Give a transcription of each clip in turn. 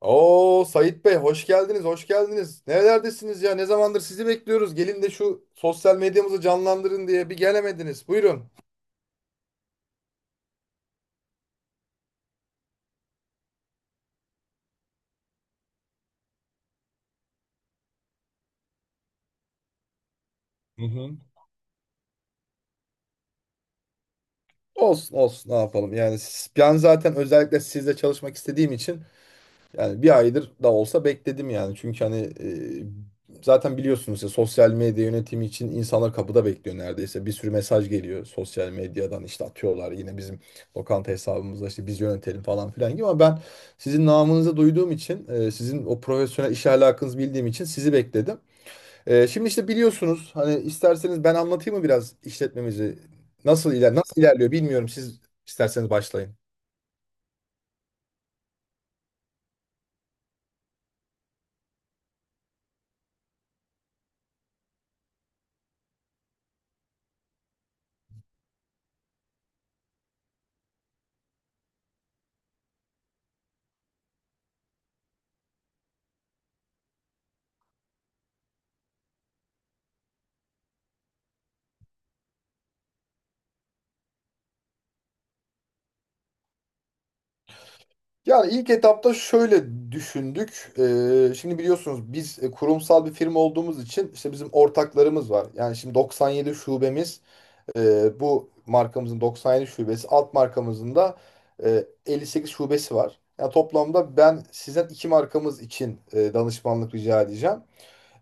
Oo Sait Bey, hoş geldiniz, hoş geldiniz. Nerelerdesiniz ya? Ne zamandır sizi bekliyoruz. Gelin de şu sosyal medyamızı canlandırın diye bir gelemediniz. Buyurun. Hı hı. Olsun olsun, ne yapalım, yani ben zaten özellikle sizle çalışmak istediğim için yani bir aydır da olsa bekledim yani. Çünkü hani zaten biliyorsunuz ya, sosyal medya yönetimi için insanlar kapıda bekliyor neredeyse. Bir sürü mesaj geliyor sosyal medyadan, işte atıyorlar yine bizim lokanta hesabımızda işte biz yönetelim falan filan gibi. Ama ben sizin namınızı duyduğum için, sizin o profesyonel iş alakınızı bildiğim için sizi bekledim. Şimdi işte biliyorsunuz, hani isterseniz ben anlatayım mı biraz işletmemizi nasıl ilerliyor, bilmiyorum, siz isterseniz başlayın. Yani ilk etapta şöyle düşündük. Şimdi biliyorsunuz biz kurumsal bir firma olduğumuz için işte bizim ortaklarımız var. Yani şimdi 97 şubemiz, e, bu markamızın 97 şubesi, alt markamızın da 58 şubesi var. Yani toplamda ben sizden iki markamız için danışmanlık rica edeceğim.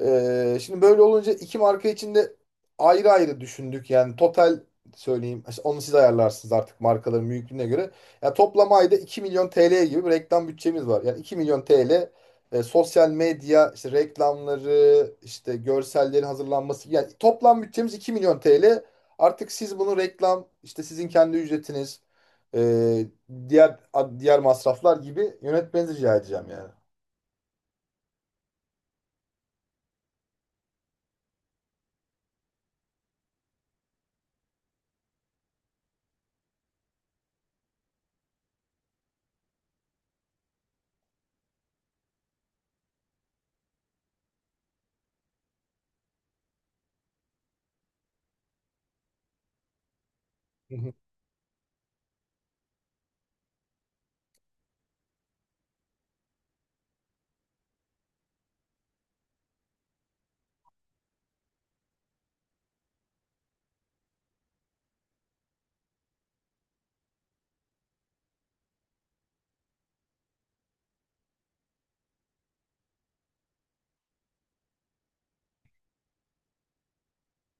Şimdi böyle olunca iki marka için de ayrı ayrı düşündük. Yani total söyleyeyim. İşte onu siz ayarlarsınız artık markaların büyüklüğüne göre. Yani toplam ayda 2 milyon TL gibi bir reklam bütçemiz var. Yani 2 milyon TL, sosyal medya işte reklamları, işte görsellerin hazırlanması. Yani toplam bütçemiz 2 milyon TL. Artık siz bunu reklam, işte sizin kendi ücretiniz, e, diğer diğer masraflar gibi yönetmenizi rica edeceğim yani.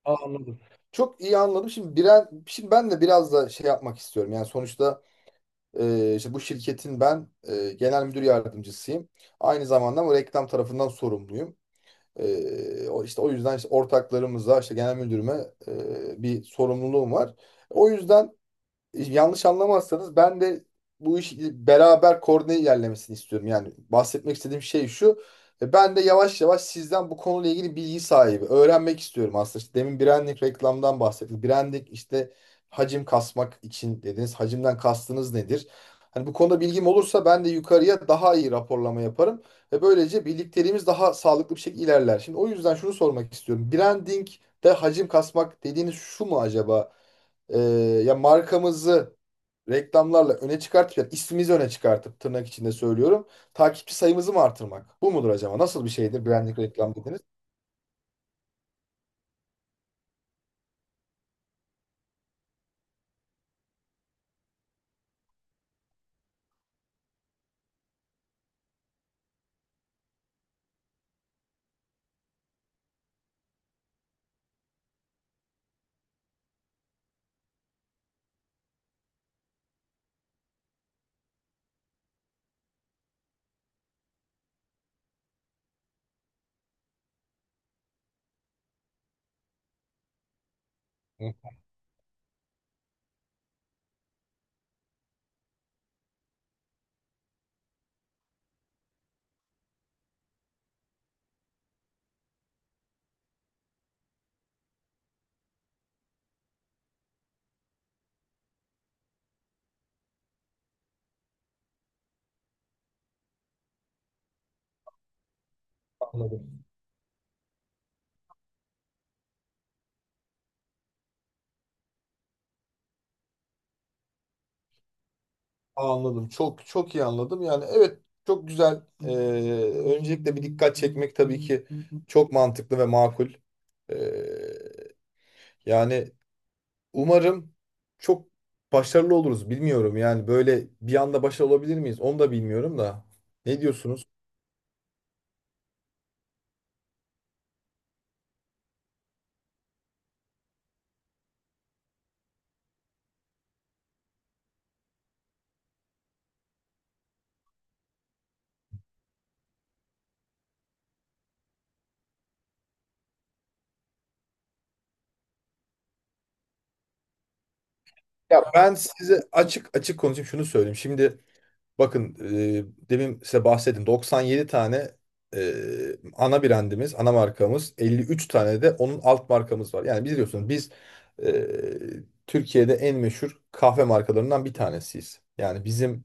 Aa, anladım. Çok iyi anladım. Şimdi ben de biraz da şey yapmak istiyorum. Yani sonuçta işte bu şirketin ben genel müdür yardımcısıyım. Aynı zamanda bu reklam tarafından sorumluyum. O işte o yüzden işte ortaklarımıza, işte genel müdürüme bir sorumluluğum var. O yüzden, yanlış anlamazsanız, ben de bu iş beraber koordine ilerlemesini istiyorum. Yani bahsetmek istediğim şey şu. Ben de yavaş yavaş sizden bu konuyla ilgili bilgi sahibi öğrenmek istiyorum aslında. İşte demin branding reklamdan bahsettik. Branding işte hacim kasmak için dediniz. Hacimden kastınız nedir? Hani bu konuda bilgim olursa ben de yukarıya daha iyi raporlama yaparım ve böylece birlikteliğimiz daha sağlıklı bir şekilde ilerler. Şimdi o yüzden şunu sormak istiyorum. Branding de hacim kasmak dediğiniz şu mu acaba? e, Ya markamızı reklamlarla öne çıkartıp, ya ismimizi öne çıkartıp, tırnak içinde söylüyorum. Takipçi sayımızı mı artırmak? Bu mudur acaba? Nasıl bir şeydir branding reklam dediniz? Hı. Anladım. Anladım. Çok çok iyi anladım. Yani evet, çok güzel. Öncelikle bir dikkat çekmek tabii ki çok mantıklı ve makul. Ee, Yani umarım çok başarılı oluruz. Bilmiyorum yani, böyle bir anda başarılı olabilir miyiz? Onu da bilmiyorum da. Ne diyorsunuz? Ya ben size açık açık konuşayım, şunu söyleyeyim. Şimdi bakın, demin size bahsettim 97 tane e, ana brandimiz, ana markamız 53 tane de onun alt markamız var. Yani biliyorsunuz biz Türkiye'de en meşhur kahve markalarından bir tanesiyiz. Yani bizim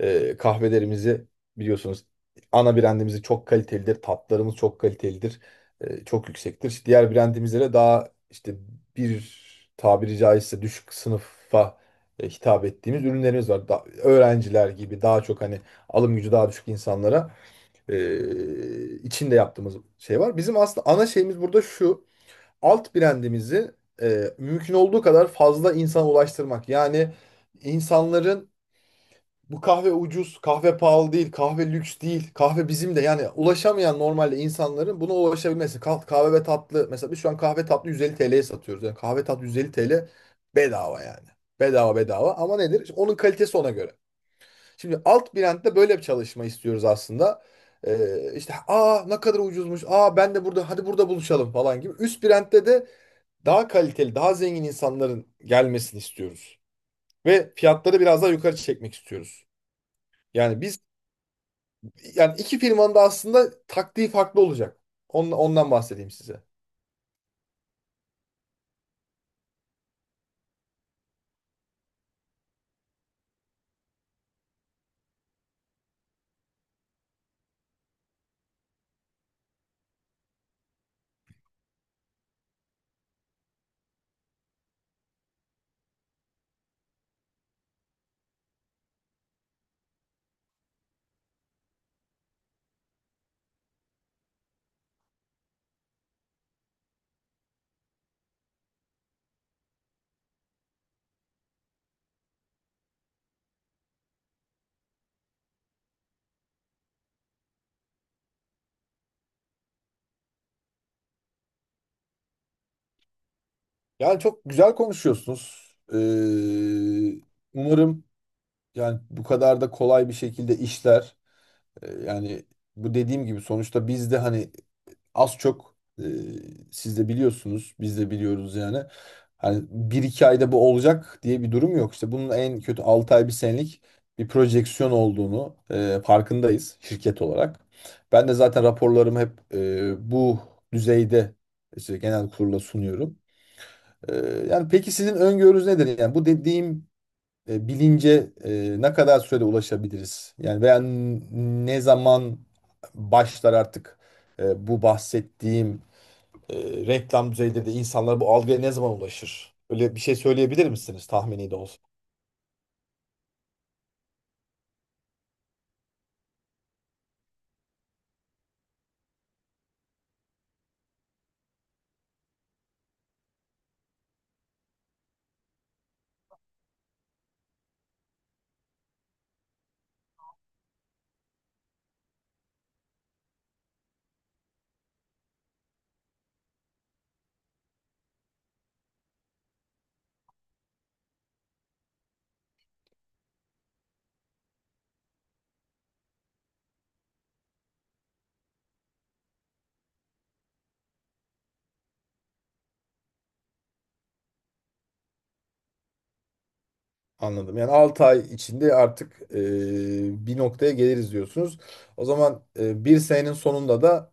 kahvelerimizi biliyorsunuz, ana brandimizi çok kalitelidir, tatlarımız çok kalitelidir, çok yüksektir. İşte diğer brandimizlere daha işte bir, tabiri caizse, düşük sınıfa hitap ettiğimiz ürünlerimiz var. Öğrenciler gibi daha çok hani alım gücü daha düşük insanlara içinde yaptığımız şey var. Bizim aslında ana şeyimiz burada şu. Alt brandimizi mümkün olduğu kadar fazla insana ulaştırmak. Yani insanların, bu kahve ucuz, kahve pahalı değil, kahve lüks değil. Kahve bizim de, yani ulaşamayan normalde insanların buna ulaşabilmesi. Kahve ve tatlı mesela, biz şu an kahve tatlı 150 TL'ye satıyoruz. Yani kahve tatlı 150 TL, bedava yani. Bedava bedava, ama nedir? İşte onun kalitesi ona göre. Şimdi alt blend'de böyle bir çalışma istiyoruz aslında. İşte aa ne kadar ucuzmuş. Aa ben de burada, hadi burada buluşalım falan gibi. Üst blend'de de daha kaliteli, daha zengin insanların gelmesini istiyoruz. Ve fiyatları biraz daha yukarı çekmek istiyoruz. Yani Yani iki firmanın da aslında taktiği farklı olacak. Ondan bahsedeyim size. Yani çok güzel konuşuyorsunuz. Umarım yani bu kadar da kolay bir şekilde işler. Yani bu dediğim gibi, sonuçta biz de hani az çok, siz de biliyorsunuz, biz de biliyoruz yani. Hani bir iki ayda bu olacak diye bir durum yok. İşte bunun en kötü 6 ay bir senelik bir projeksiyon olduğunu farkındayız şirket olarak. Ben de zaten raporlarımı hep, bu düzeyde işte genel kurula sunuyorum. E, Yani peki sizin öngörünüz nedir? Yani bu dediğim bilince ne kadar sürede ulaşabiliriz? Yani veya ne zaman başlar artık bu bahsettiğim e, reklam düzeyinde de insanlar bu algıya ne zaman ulaşır? Öyle bir şey söyleyebilir misiniz, tahmini de olsa? Anladım. Yani 6 ay içinde artık, bir noktaya geliriz diyorsunuz. O zaman, bir senenin sonunda da,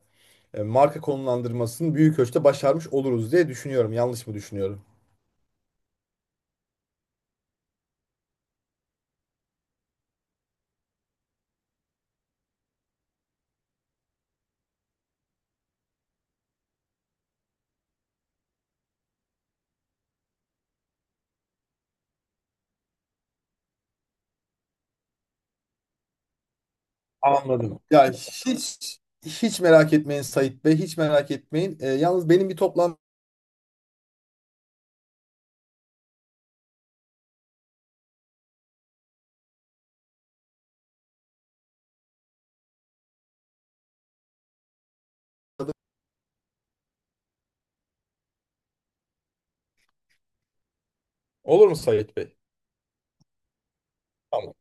marka konumlandırmasını büyük ölçüde başarmış oluruz diye düşünüyorum. Yanlış mı düşünüyorum? Anladım. Ya hiç hiç merak etmeyin, Sait Bey, hiç merak etmeyin. Yalnız benim bir toplantı. Olur mu Sait Bey? Tamam.